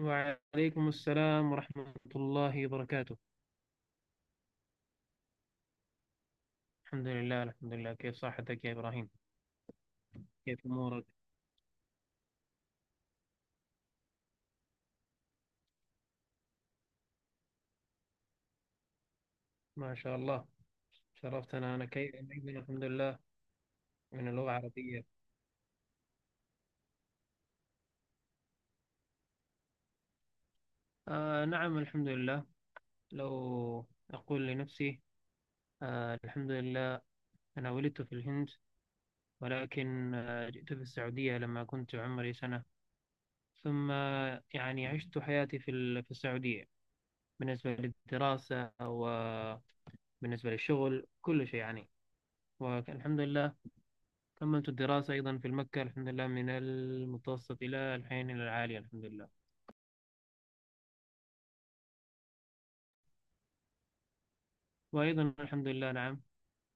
وعليكم السلام ورحمة الله وبركاته. الحمد لله، الحمد لله. كيف صحتك يا إبراهيم؟ كيف أمورك؟ ما شاء الله، شرفتنا. أنا كيف أيضا، الحمد لله. من اللغة العربية. آه، نعم، الحمد لله. لو أقول لنفسي. الحمد لله. أنا ولدت في الهند، ولكن جئت في السعودية لما كنت عمري سنة. ثم يعني عشت حياتي في السعودية، بالنسبة للدراسة وبالنسبة للشغل كل شيء يعني. والحمد لله، كملت الدراسة أيضا في المكة، الحمد لله، من المتوسط إلى الحين إلى العالي، الحمد لله. وأيضا الحمد لله، نعم.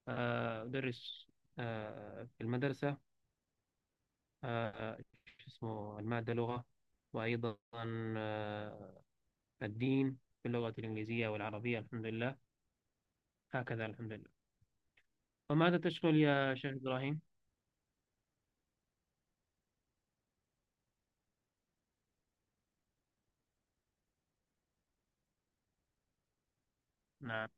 أدرس في المدرسة، آه، شو اسمه المادة لغة، وأيضا آه، الدين، في اللغة الإنجليزية والعربية، الحمد لله. هكذا الحمد لله. وماذا تشغل يا شيخ إبراهيم؟ نعم.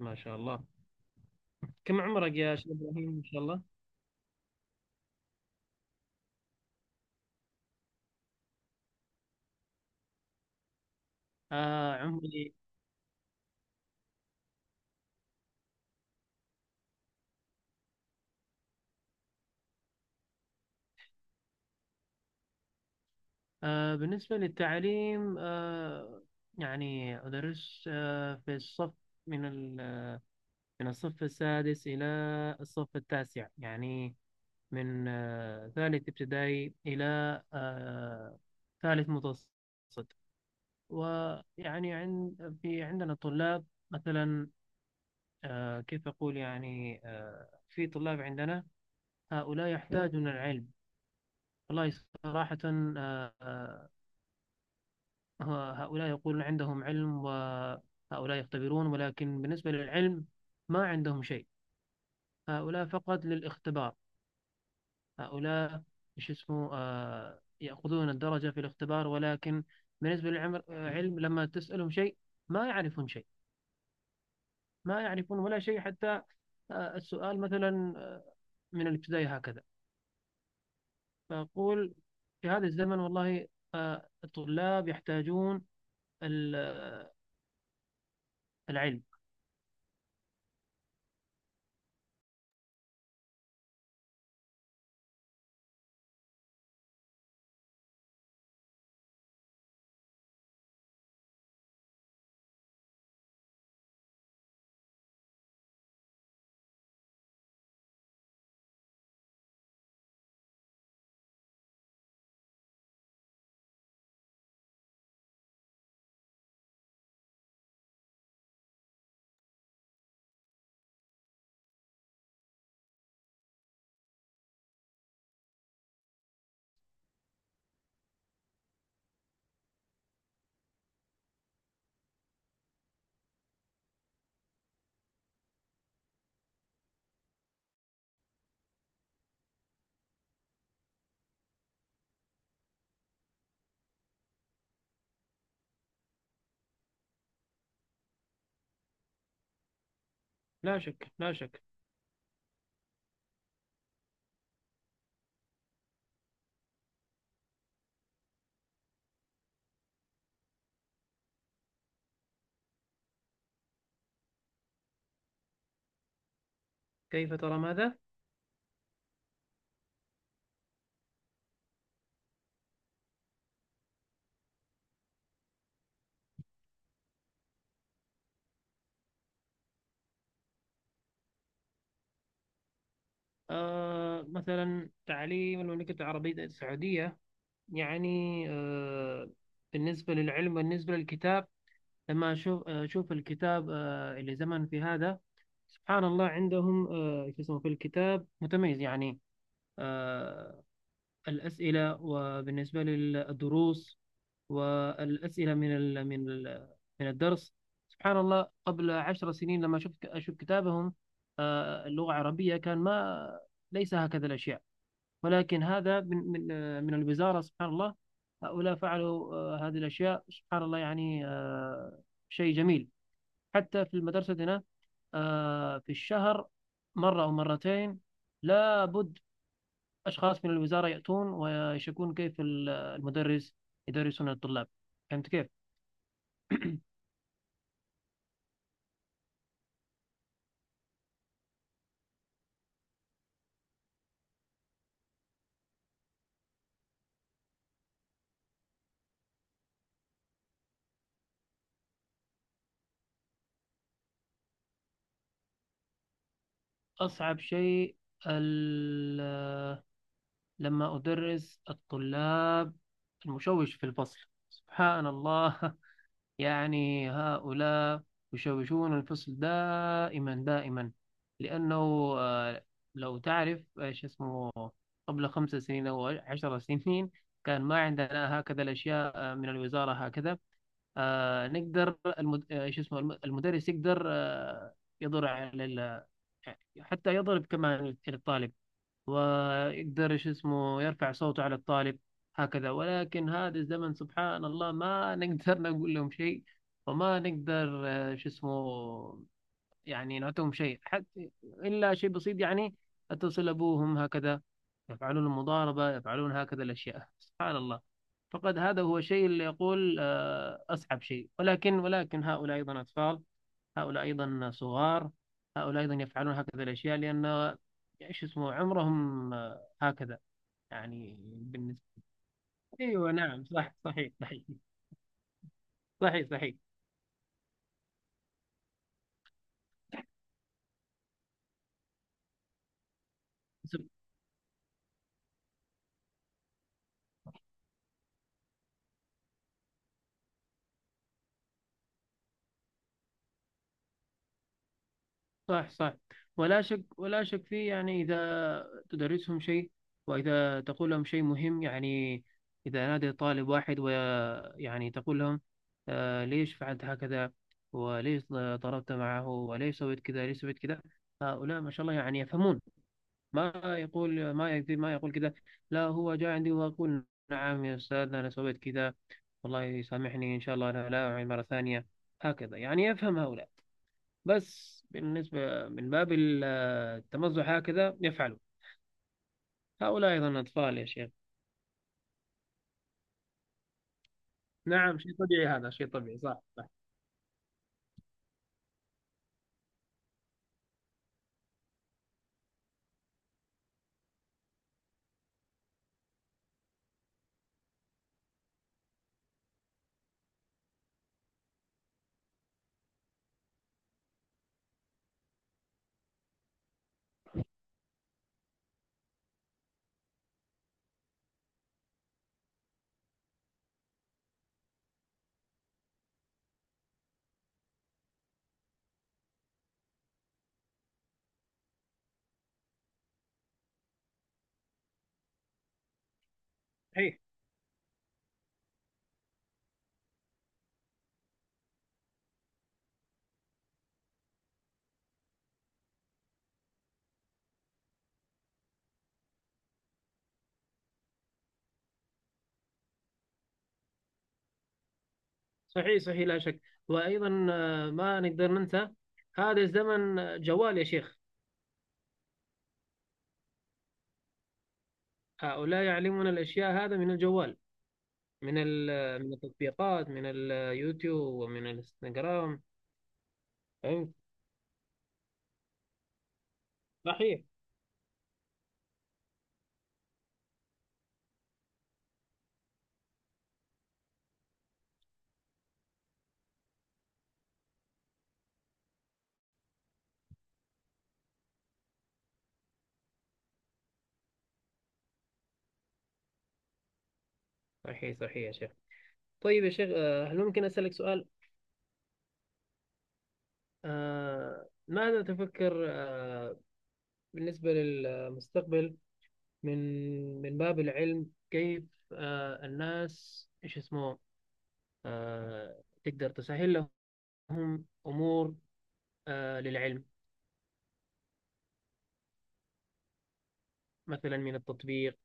ما شاء الله. كم عمرك يا شيخ إبراهيم إن شاء الله؟ عمري. بالنسبة للتعليم، يعني أدرس في الصف، من ال- من الصف السادس إلى الصف التاسع، يعني من ثالث ابتدائي إلى آه، ثالث متوسط. ويعني عندنا طلاب، مثلا كيف أقول يعني في طلاب عندنا، هؤلاء يحتاجون العلم. والله صراحة، آه، آه، هو هؤلاء يقولون عندهم علم، وهؤلاء يختبرون، ولكن بالنسبة للعلم ما عندهم شيء. هؤلاء فقط للاختبار. هؤلاء شو اسمه يأخذون الدرجة في الاختبار، ولكن بالنسبة للعلم لما تسألهم شيء ما يعرفون شيء، ما يعرفون ولا شيء حتى. السؤال مثلا من الابتدائي هكذا. فأقول في هذا الزمن، والله الطلاب يحتاجون ال- العلم. لا شك، لا شك. كيف ترى ماذا؟ مثلا تعليم المملكة العربية السعودية، يعني بالنسبة للعلم، بالنسبة للكتاب، لما أشوف الكتاب اللي زمن في هذا، سبحان الله عندهم شو اسمه في الكتاب متميز يعني آه الأسئلة، وبالنسبة للدروس والأسئلة من الدرس. سبحان الله، قبل 10 سنين لما شفت أشوف كتابهم اللغة العربية، كان ما ليس هكذا الأشياء. ولكن هذا من الوزارة، سبحان الله. هؤلاء فعلوا هذه الأشياء، سبحان الله يعني شيء جميل. حتى في مدرستنا في الشهر مرة أو مرتين، لابد أشخاص من الوزارة يأتون ويشكون كيف المدرس يدرسون الطلاب. فهمت كيف؟ أصعب شيء، ال- لما أدرس الطلاب، المشوش في الفصل، سبحان الله. يعني هؤلاء يشوشون الفصل دائما دائما. لأنه آه، لو تعرف شو اسمه، قبل 5 سنين أو 10 سنين، كان ما عندنا هكذا الأشياء من الوزارة هكذا. نقدر المد... آه، شو اسمه المدرس يقدر يضر على حتى يضرب كمان الطالب، ويقدر شو اسمه يرفع صوته على الطالب هكذا. ولكن هذا الزمن سبحان الله ما نقدر نقول لهم شيء. وما نقدر شو اسمه، يعني نعطيهم شيء حتى إلا شيء بسيط، يعني اتصل أبوهم هكذا يفعلون المضاربة، يفعلون هكذا الأشياء سبحان الله. فقد هذا هو الشيء اللي يقول أصعب شيء، ولكن هؤلاء أيضا أطفال، هؤلاء أيضا صغار، هؤلاء أيضا يفعلون هكذا الأشياء، لأن إيش اسمه عمرهم هكذا يعني بالنسبة. أيوه، نعم، صح، صحيح، صحيح. صحيح، صحيح. صح، صح. ولا شك، ولا شك فيه. يعني إذا تدرسهم شيء، وإذا تقول لهم شيء مهم، يعني إذا نادى طالب واحد، ويعني تقول لهم ليش فعلت هكذا، وليش ضربت معه، وليش سويت كذا، ليش سويت كذا. هؤلاء ما شاء الله يعني يفهمون. ما يقول، ما يكذب، ما يقول كذا. لا، هو جاء عندي وأقول نعم يا أستاذ، أنا سويت كذا، والله يسامحني إن شاء الله، أنا لا أعيد مرة ثانية. هكذا يعني يفهم هؤلاء. بس بالنسبة من باب التمزح هكذا يفعلوا. هؤلاء أيضا أطفال يا شيخ. نعم، شيء طبيعي، هذا شيء طبيعي. صح، صح. صحيح، صحيح، صحيح. لا شك. وأيضا ما نقدر ننسى. هذا الزمن جوال يا شيخ. هؤلاء يعلمون الأشياء هذا من الجوال، من التطبيقات، من اليوتيوب ومن الانستغرام. فهمت؟ صحيح، صحيح، صحيح يا شيخ. طيب يا شيخ، هل ممكن أسألك سؤال؟ ماذا تفكر بالنسبة للمستقبل، من من باب العلم، كيف الناس ايش اسمه تقدر تسهل لهم أمور للعلم، مثلا من التطبيق.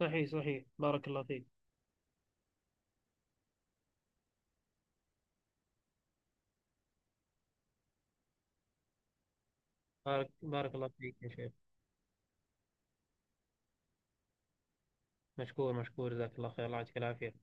صحيح، صحيح، بارك الله فيك. بارك الله فيك يا شيخ. مشكور، مشكور، جزاك الله خير. الله يعطيك العافية.